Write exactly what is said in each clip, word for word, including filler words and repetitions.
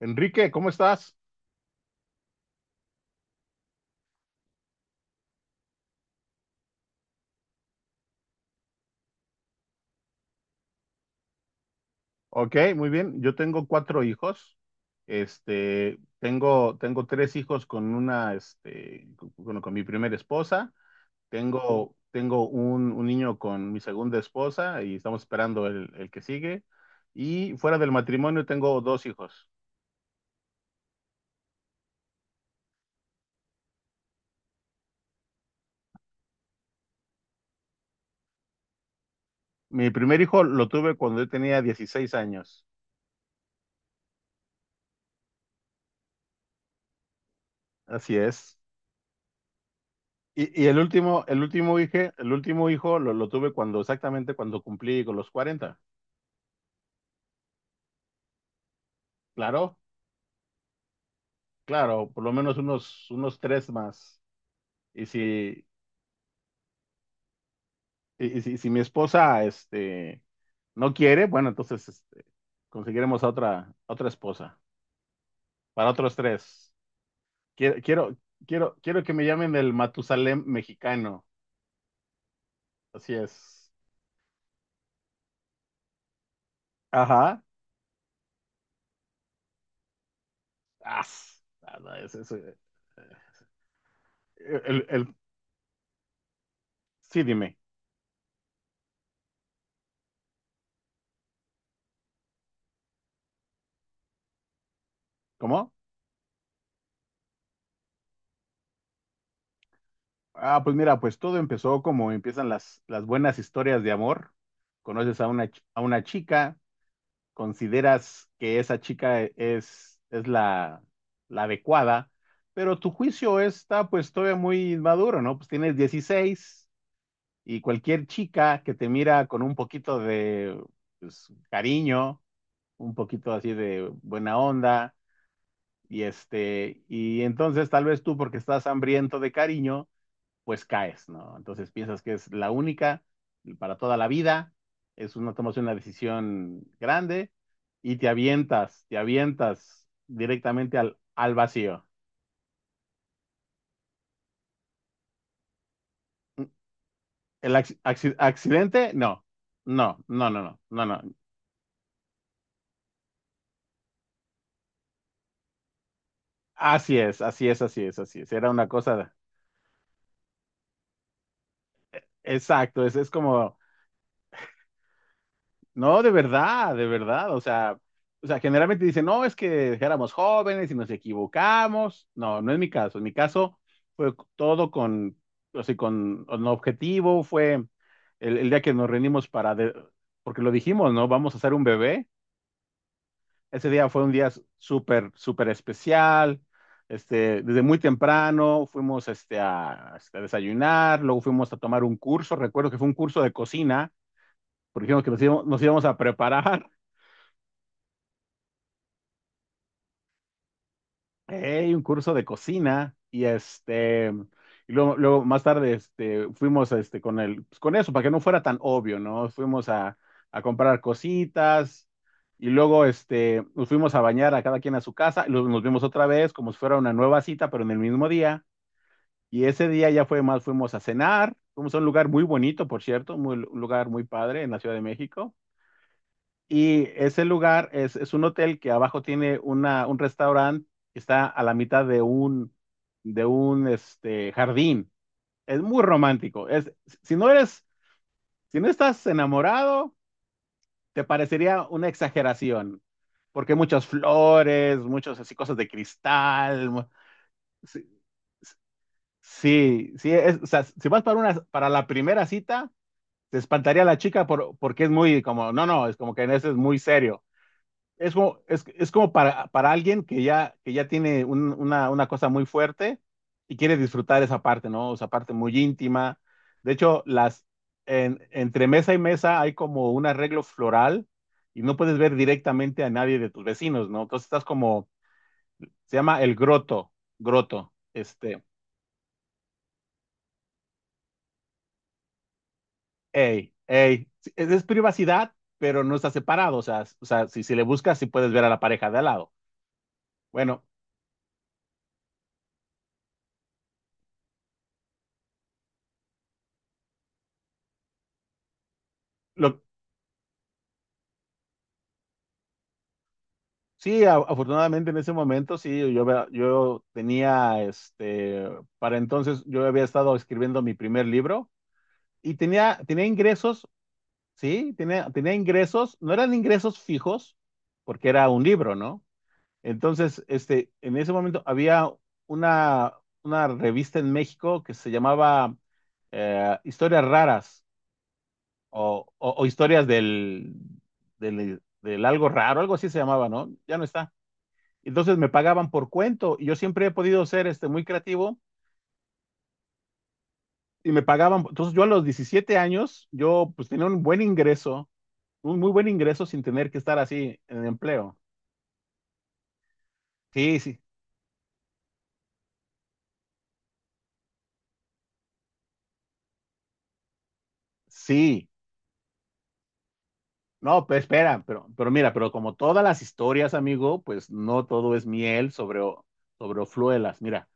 Enrique, ¿cómo estás? Ok, muy bien. Yo tengo cuatro hijos. Este, tengo, tengo tres hijos con una, este, con, con- con mi primera esposa. Tengo, tengo un, un niño con mi segunda esposa y estamos esperando el, el que sigue. Y fuera del matrimonio tengo dos hijos. Mi primer hijo lo tuve cuando yo tenía dieciséis años. Así es. Y, y el último, el último hijo, el último hijo lo, lo tuve cuando, exactamente cuando cumplí con los cuarenta. Claro. Claro, por lo menos unos, unos tres más. Y si, y, y si, si mi esposa este, no quiere, bueno, entonces este, conseguiremos a otra, a otra esposa para otros tres. Quiero, quiero, quiero, quiero que me llamen el Matusalem mexicano. Así es. Ajá. As. Ah, no, es- es- eh, eh, el, el- sí, dime. ¿Cómo? Ah, pues mira, pues todo empezó como empiezan las, las buenas historias de amor. Conoces a una, ch- a una chica. Consideras que esa chica e-, es, es la, la adecuada, pero tu juicio está pues todavía muy inmaduro, ¿no? Pues tienes dieciséis y cualquier chica que te mira con un poquito de pues, cariño, un poquito así de buena onda, y este, y entonces tal vez tú porque estás hambriento de cariño, pues caes, ¿no? Entonces piensas que es la única para toda la vida, es una, tomas una decisión grande y te avientas, te avientas directamente al, al vacío. ¿El ac- acci- accidente? No, no, no, no, no, no, no. Así es, así es, así es, así es. Era una cosa, exacto, es, es como. No, de verdad, de verdad. O sea, o sea, generalmente dicen, no, es que éramos jóvenes y nos equivocamos. No, no es mi caso. En mi caso fue todo con, o sea, con un objetivo. Fue el, el día que nos reunimos para, de- porque lo dijimos, ¿no? Vamos a hacer un bebé. Ese día fue un día súper, súper especial. Este, desde muy temprano fuimos este, a, este, a desayunar, luego fuimos a tomar un curso. Recuerdo que fue un curso de cocina, porque dijimos que nos íbamos nos íbamos a preparar. Hey, un curso de cocina y este y luego, luego más tarde este fuimos este con el pues, con eso para que no fuera tan obvio, ¿no? Fuimos a, a comprar cositas y luego este nos fuimos a bañar a cada quien a su casa y luego nos vimos otra vez como si fuera una nueva cita pero en el mismo día y ese día ya fue más fuimos a cenar, fuimos a un lugar muy bonito, por cierto, muy, un lugar muy padre en la Ciudad de México. Y ese lugar es, es un hotel que abajo tiene una, un restaurante que está a la mitad de un, de un este, jardín. Es muy romántico. Es, si no eres, si no estás enamorado, te parecería una exageración, porque hay muchas flores, muchas así cosas de cristal. mu- Sí, sí, sí, es- o sea, si vas para una, para la primera cita, te espantaría la chica por, porque es muy como, no, no, es como que en ese es muy serio. es como, es, es como para, para alguien que ya, que ya tiene un- una, una cosa muy fuerte y quiere disfrutar esa parte, ¿no? Esa parte muy íntima. De hecho, las, en- entre mesa y mesa hay como un arreglo floral y no puedes ver directamente a nadie de tus vecinos, ¿no? Entonces estás como, se llama el groto, groto, este, ey, ey. Sí, Es, es privacidad, pero no está separado, o sea, s- o sea, si, si le buscas, sí puedes ver a la pareja de al lado. Bueno, lo, Sí, a- afortunadamente en ese momento sí, yo, había- yo tenía, este, para entonces yo había estado escribiendo mi primer libro y tenía, tenía ingresos, sí, tenía, tenía ingresos, no eran ingresos fijos porque era un libro, ¿no? Entonces, este, en ese momento había una, una revista en México que se llamaba eh, Historias Raras o, o- o Historias del, del, del algo raro, algo así se llamaba, ¿no? Ya no está. Entonces me pagaban por cuento y yo siempre he podido ser este, muy creativo y me pagaban. Entonces yo a los diecisiete años, yo pues tenía un buen ingreso, un muy buen ingreso sin tener que estar así en empleo. Sí, sí, sí. No, pero espera, pero, pero mira, pero como todas las historias, amigo, pues no todo es miel sobre, o- sobre hojuelas. Mira,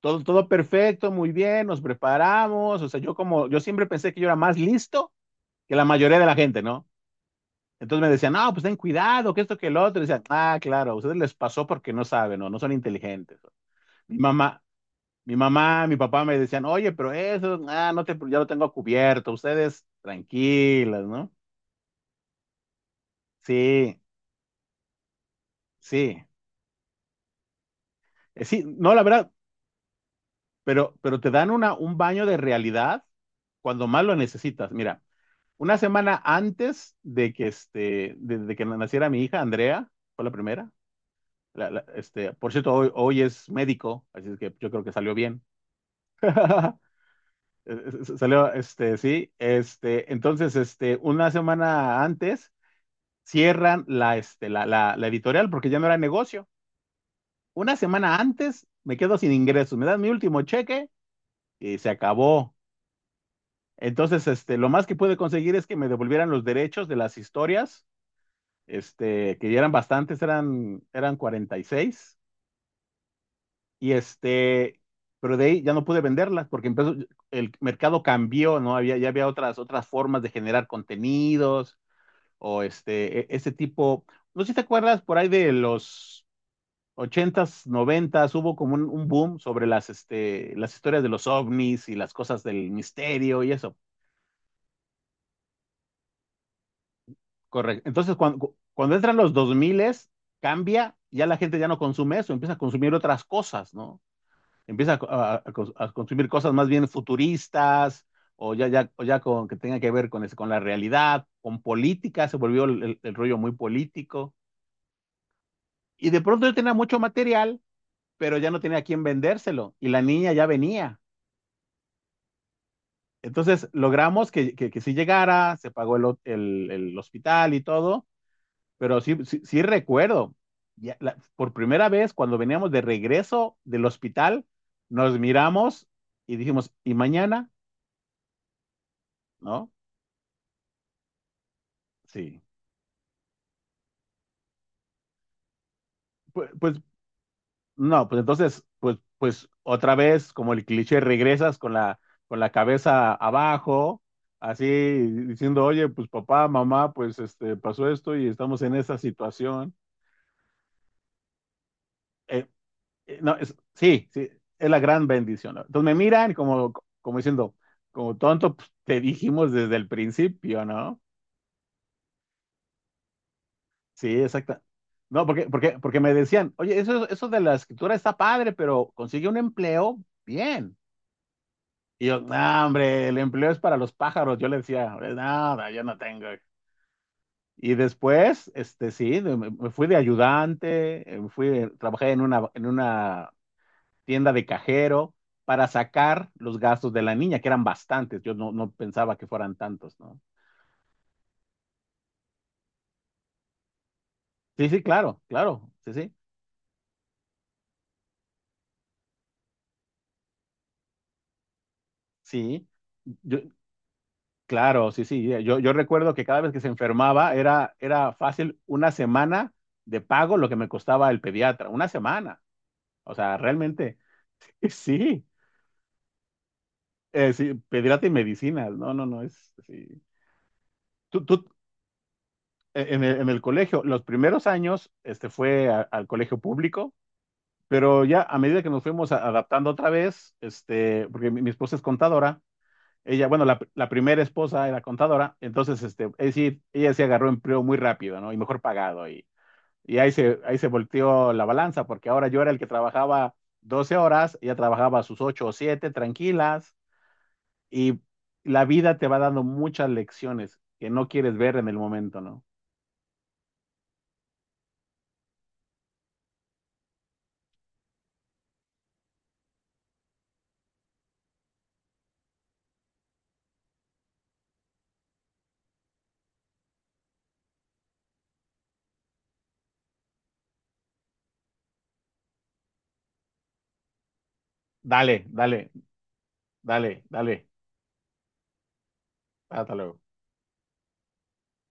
todo, todo perfecto, muy bien, nos preparamos. O sea, yo como, yo siempre pensé que yo era más listo que la mayoría de la gente, ¿no? Entonces me decían, no, pues ten cuidado, que esto, que el otro. Y decían, ah, claro, a ustedes les pasó porque no saben o no son inteligentes. Mi mamá, mi mamá, mi papá me decían, oye, pero eso, ah, no te, ya lo tengo cubierto, ustedes tranquilas, ¿no? Sí, sí. Eh, Sí, no, la verdad, pero, pero te dan una, un baño de realidad cuando más lo necesitas. Mira, una semana antes de que, este, de, de que naciera mi hija, Andrea, fue la primera. La- la- este, por cierto, hoy, hoy es médico, así es que yo creo que salió bien. Salió, este, sí, este, entonces, este, una semana antes cierran la, este, la, la, la editorial porque ya no era negocio. Una semana antes me quedo sin ingresos, me dan mi último cheque y se acabó. Entonces, este, lo más que pude conseguir es que me devolvieran los derechos de las historias, este, que ya eran bastantes, eran, eran cuarenta y seis. Y este, pero de ahí ya no pude venderlas porque empezó, el mercado cambió, ¿no? Había, ya había otras, otras formas de generar contenidos o este, e- este tipo. No sé si te acuerdas por ahí de los ochentas, noventas, hubo como un, un boom sobre las, este, las historias de los ovnis y las cosas del misterio y eso. Correcto. Entonces, cuando, cuando entran los dos miles, cambia, ya la gente ya no consume eso, empieza a consumir otras cosas, ¿no? Empieza a, a- a consumir cosas más bien futuristas o ya, ya, o ya con, que tengan que ver con, es- con la realidad, con política, se volvió el, el- el rollo muy político. Y de pronto yo tenía mucho material, pero ya no tenía a quién vendérselo y la niña ya venía. Entonces logramos que, que, que sí llegara, se pagó el, ho- el- el hospital y todo, pero sí, sí, sí recuerdo, ya la- por primera vez cuando veníamos de regreso del hospital, nos miramos y dijimos, ¿y mañana? ¿No? Sí. Pues, pues, no, pues entonces, pues, pues otra vez, como el cliché, regresas con la, con la cabeza abajo, así diciendo, oye, pues papá, mamá, pues este, pasó esto y estamos en esta situación. Eh, eh, no, es, sí, sí, es la gran bendición, ¿no? Entonces me miran como, como diciendo, como tonto, pues, te dijimos desde el principio, ¿no? Sí, exacta. No, porque, porque, porque me decían, oye, eso, eso de la escritura está padre, pero consigue un empleo, bien. Y yo, no, hombre, el empleo es para los pájaros. Yo le decía, no, no, yo no tengo. Y después, este, sí, de- me, me fui de ayudante, eh, fui, trabajé en una, en una tienda de cajero para sacar los gastos de la niña, que eran bastantes. Yo no, no pensaba que fueran tantos, ¿no? Sí, sí, claro, claro, sí, sí, sí. Yo, claro, sí, sí. eh, Yo, yo recuerdo que cada vez que se enfermaba era, era fácil una semana de pago lo que me costaba el pediatra, una semana. O sea, realmente. Sí, eh, sí, pediatra y medicinas, no, no, no, es, sí. Tú, tú, eh, en el, en el colegio, los primeros años, este, fue a- al colegio público, pero ya a medida que nos fuimos a- adaptando otra vez, este, porque mi, mi esposa es contadora, ella, bueno, la, la primera esposa era contadora, entonces, este, es decir, ella se agarró empleo muy rápido, ¿no? Y mejor pagado, y, y ahí se, ahí se volteó la balanza, porque ahora yo era el que trabajaba doce horas, ella trabajaba sus ocho o siete tranquilas, y la vida te va dando muchas lecciones que no quieres ver en el momento, ¿no? Dale, dale, dale, dale. Hasta luego.